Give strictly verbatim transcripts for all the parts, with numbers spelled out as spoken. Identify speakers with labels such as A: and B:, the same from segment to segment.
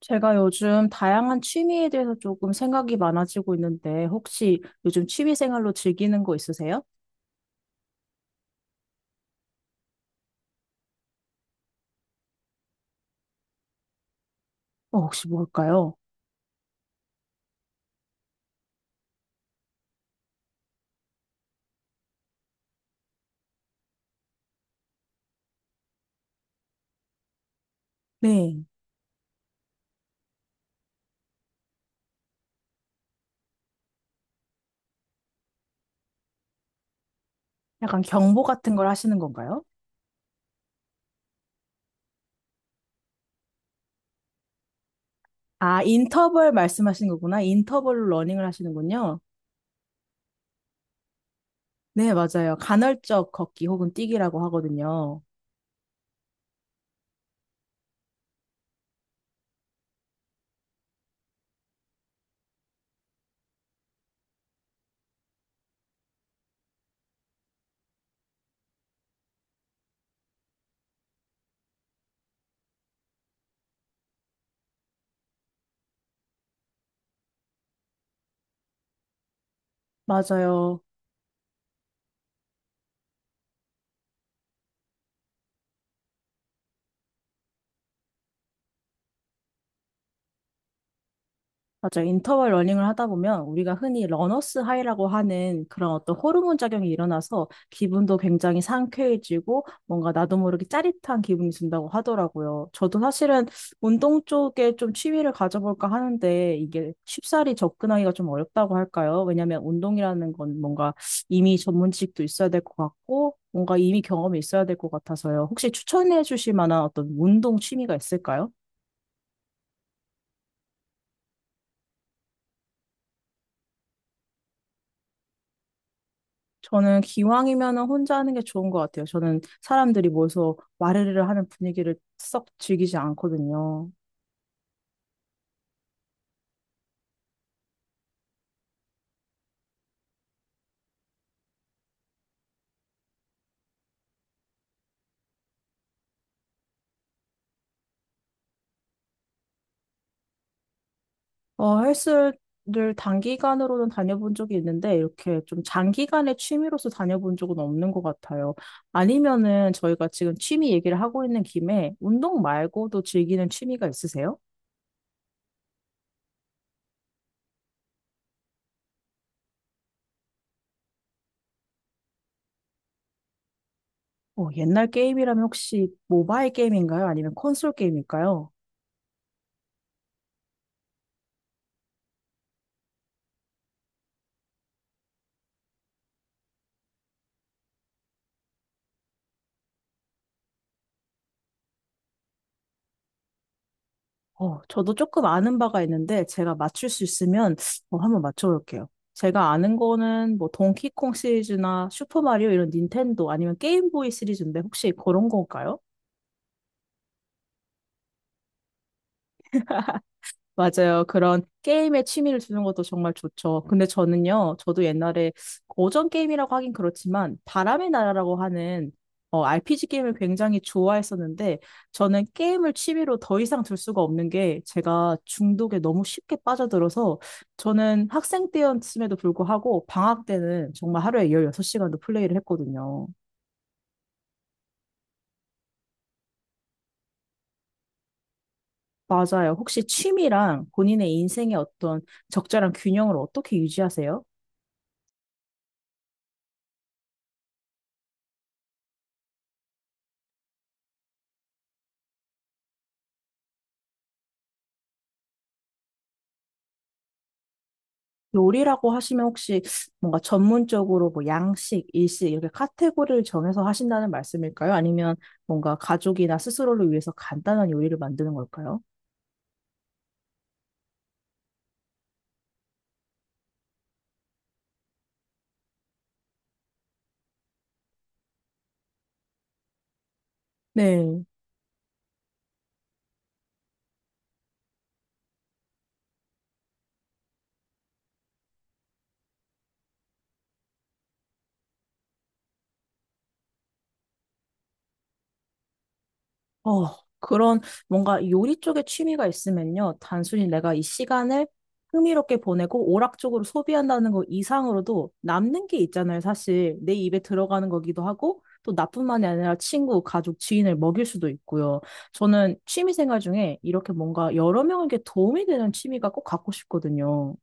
A: 제가 요즘 다양한 취미에 대해서 조금 생각이 많아지고 있는데, 혹시 요즘 취미 생활로 즐기는 거 있으세요? 어, 혹시 뭘까요? 네. 약간 경보 같은 걸 하시는 건가요? 아, 인터벌 말씀하시는 거구나. 인터벌로 러닝을 하시는군요. 네, 맞아요. 간헐적 걷기 혹은 뛰기라고 하거든요. 맞아요. 맞아요. 인터벌 러닝을 하다 보면 우리가 흔히 러너스 하이라고 하는 그런 어떤 호르몬 작용이 일어나서 기분도 굉장히 상쾌해지고 뭔가 나도 모르게 짜릿한 기분이 든다고 하더라고요. 저도 사실은 운동 쪽에 좀 취미를 가져볼까 하는데 이게 쉽사리 접근하기가 좀 어렵다고 할까요? 왜냐하면 운동이라는 건 뭔가 이미 전문 지식도 있어야 될 것 같고 뭔가 이미 경험이 있어야 될 것 같아서요. 혹시 추천해 주실 만한 어떤 운동 취미가 있을까요? 저는 기왕이면은 혼자 하는 게 좋은 것 같아요. 저는 사람들이 모여서 와르르 하는 분위기를 썩 즐기지 않거든요. 어, 헬스를 단기간으로는 다녀본 적이 있는데 이렇게 좀 장기간의 취미로서 다녀본 적은 없는 것 같아요. 아니면은 저희가 지금 취미 얘기를 하고 있는 김에 운동 말고도 즐기는 취미가 있으세요? 어, 옛날 게임이라면 혹시 모바일 게임인가요? 아니면 콘솔 게임일까요? 어, 저도 조금 아는 바가 있는데 제가 맞출 수 있으면 어, 한번 맞춰볼게요. 제가 아는 거는 뭐 동키콩 시리즈나 슈퍼마리오 이런 닌텐도 아니면 게임보이 시리즈인데 혹시 그런 건가요? 맞아요. 그런 게임에 취미를 두는 것도 정말 좋죠. 근데 저는요, 저도 옛날에 고전 게임이라고 하긴 그렇지만, 바람의 나라라고 하는 어, 알피지 게임을 굉장히 좋아했었는데, 저는 게임을 취미로 더 이상 둘 수가 없는 게, 제가 중독에 너무 쉽게 빠져들어서, 저는 학생 때였음에도 불구하고, 방학 때는 정말 하루에 열여섯 시간도 플레이를 했거든요. 맞아요. 혹시 취미랑 본인의 인생의 어떤 적절한 균형을 어떻게 유지하세요? 요리라고 하시면 혹시 뭔가 전문적으로 뭐 양식, 일식 이렇게 카테고리를 정해서 하신다는 말씀일까요? 아니면 뭔가 가족이나 스스로를 위해서 간단한 요리를 만드는 걸까요? 네. 어, 그런 뭔가 요리 쪽에 취미가 있으면요. 단순히 내가 이 시간을 흥미롭게 보내고 오락적으로 소비한다는 것 이상으로도 남는 게 있잖아요. 사실 내 입에 들어가는 거기도 하고 또 나뿐만이 아니라 친구, 가족, 지인을 먹일 수도 있고요. 저는 취미 생활 중에 이렇게 뭔가 여러 명에게 도움이 되는 취미가 꼭 갖고 싶거든요.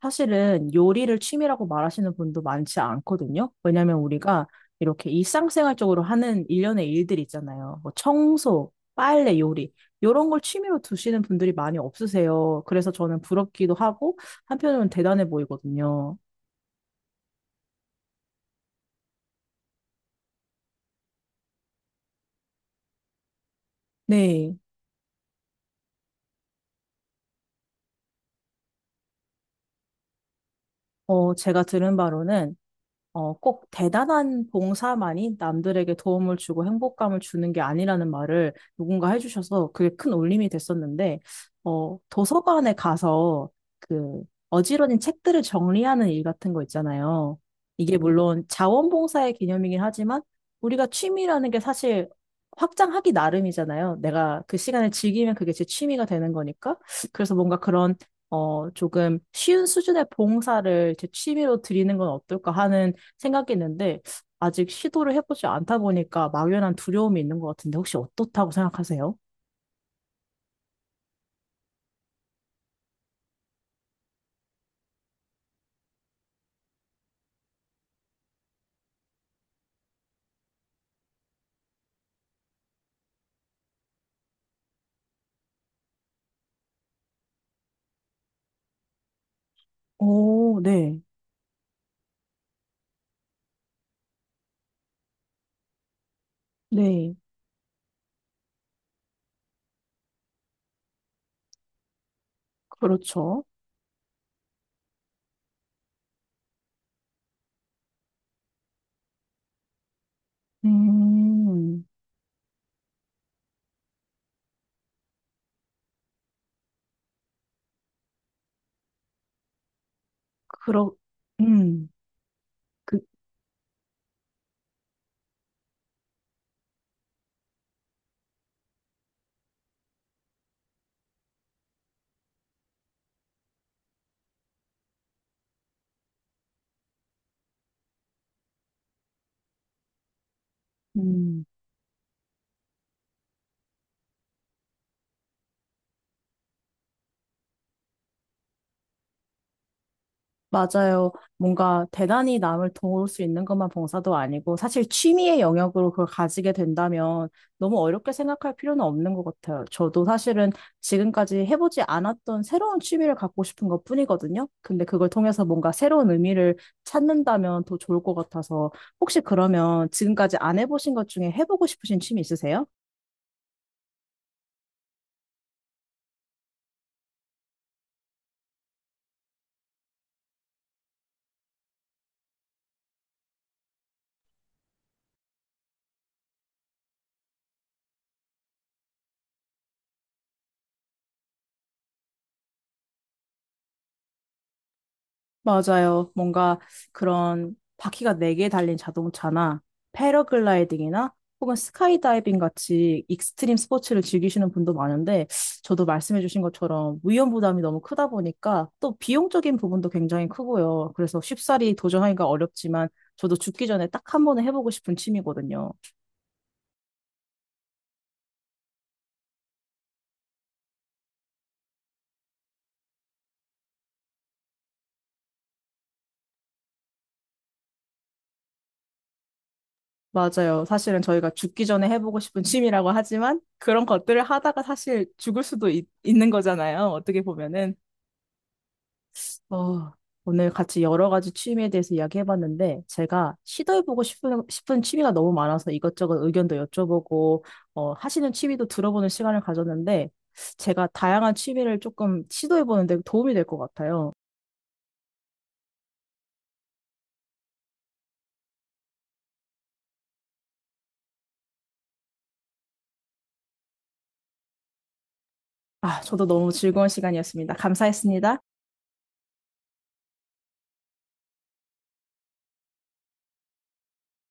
A: 사실은 요리를 취미라고 말하시는 분도 많지 않거든요. 왜냐면 우리가 이렇게 일상생활적으로 하는 일련의 일들 있잖아요. 뭐 청소, 빨래, 요리. 이런 걸 취미로 두시는 분들이 많이 없으세요. 그래서 저는 부럽기도 하고 한편으로는 대단해 보이거든요. 네. 어, 제가 들은 바로는 어, 꼭 대단한 봉사만이 남들에게 도움을 주고 행복감을 주는 게 아니라는 말을 누군가 해주셔서 그게 큰 울림이 됐었는데, 어, 도서관에 가서 그 어지러진 책들을 정리하는 일 같은 거 있잖아요. 이게 물론 자원봉사의 개념이긴 하지만 우리가 취미라는 게 사실 확장하기 나름이잖아요. 내가 그 시간을 즐기면 그게 제 취미가 되는 거니까. 그래서 뭔가 그런 어, 조금 쉬운 수준의 봉사를 제 취미로 드리는 건 어떨까 하는 생각했는데 아직 시도를 해보지 않다 보니까 막연한 두려움이 있는 것 같은데 혹시 어떻다고 생각하세요? 오, 네, 네, 그렇죠. 음. 그러, 음. 그, 음. 맞아요. 뭔가 대단히 남을 도울 수 있는 것만 봉사도 아니고 사실 취미의 영역으로 그걸 가지게 된다면 너무 어렵게 생각할 필요는 없는 것 같아요. 저도 사실은 지금까지 해보지 않았던 새로운 취미를 갖고 싶은 것뿐이거든요. 근데 그걸 통해서 뭔가 새로운 의미를 찾는다면 더 좋을 것 같아서 혹시 그러면 지금까지 안 해보신 것 중에 해보고 싶으신 취미 있으세요? 맞아요. 뭔가 그런 바퀴가 네 개 달린 자동차나 패러글라이딩이나 혹은 스카이다이빙 같이 익스트림 스포츠를 즐기시는 분도 많은데 저도 말씀해주신 것처럼 위험 부담이 너무 크다 보니까 또 비용적인 부분도 굉장히 크고요. 그래서 쉽사리 도전하기가 어렵지만 저도 죽기 전에 딱 한 번은 해보고 싶은 취미거든요. 맞아요. 사실은 저희가 죽기 전에 해보고 싶은 취미라고 하지만 그런 것들을 하다가 사실 죽을 수도 있, 있는 거잖아요. 어떻게 보면은. 어, 오늘 같이 여러 가지 취미에 대해서 이야기해봤는데, 제가 시도해보고 싶은, 싶은 취미가 너무 많아서 이것저것 의견도 여쭤보고, 어, 하시는 취미도 들어보는 시간을 가졌는데, 제가 다양한 취미를 조금 시도해보는데 도움이 될 것 같아요. 아, 저도 너무 즐거운 시간이었습니다. 감사했습니다.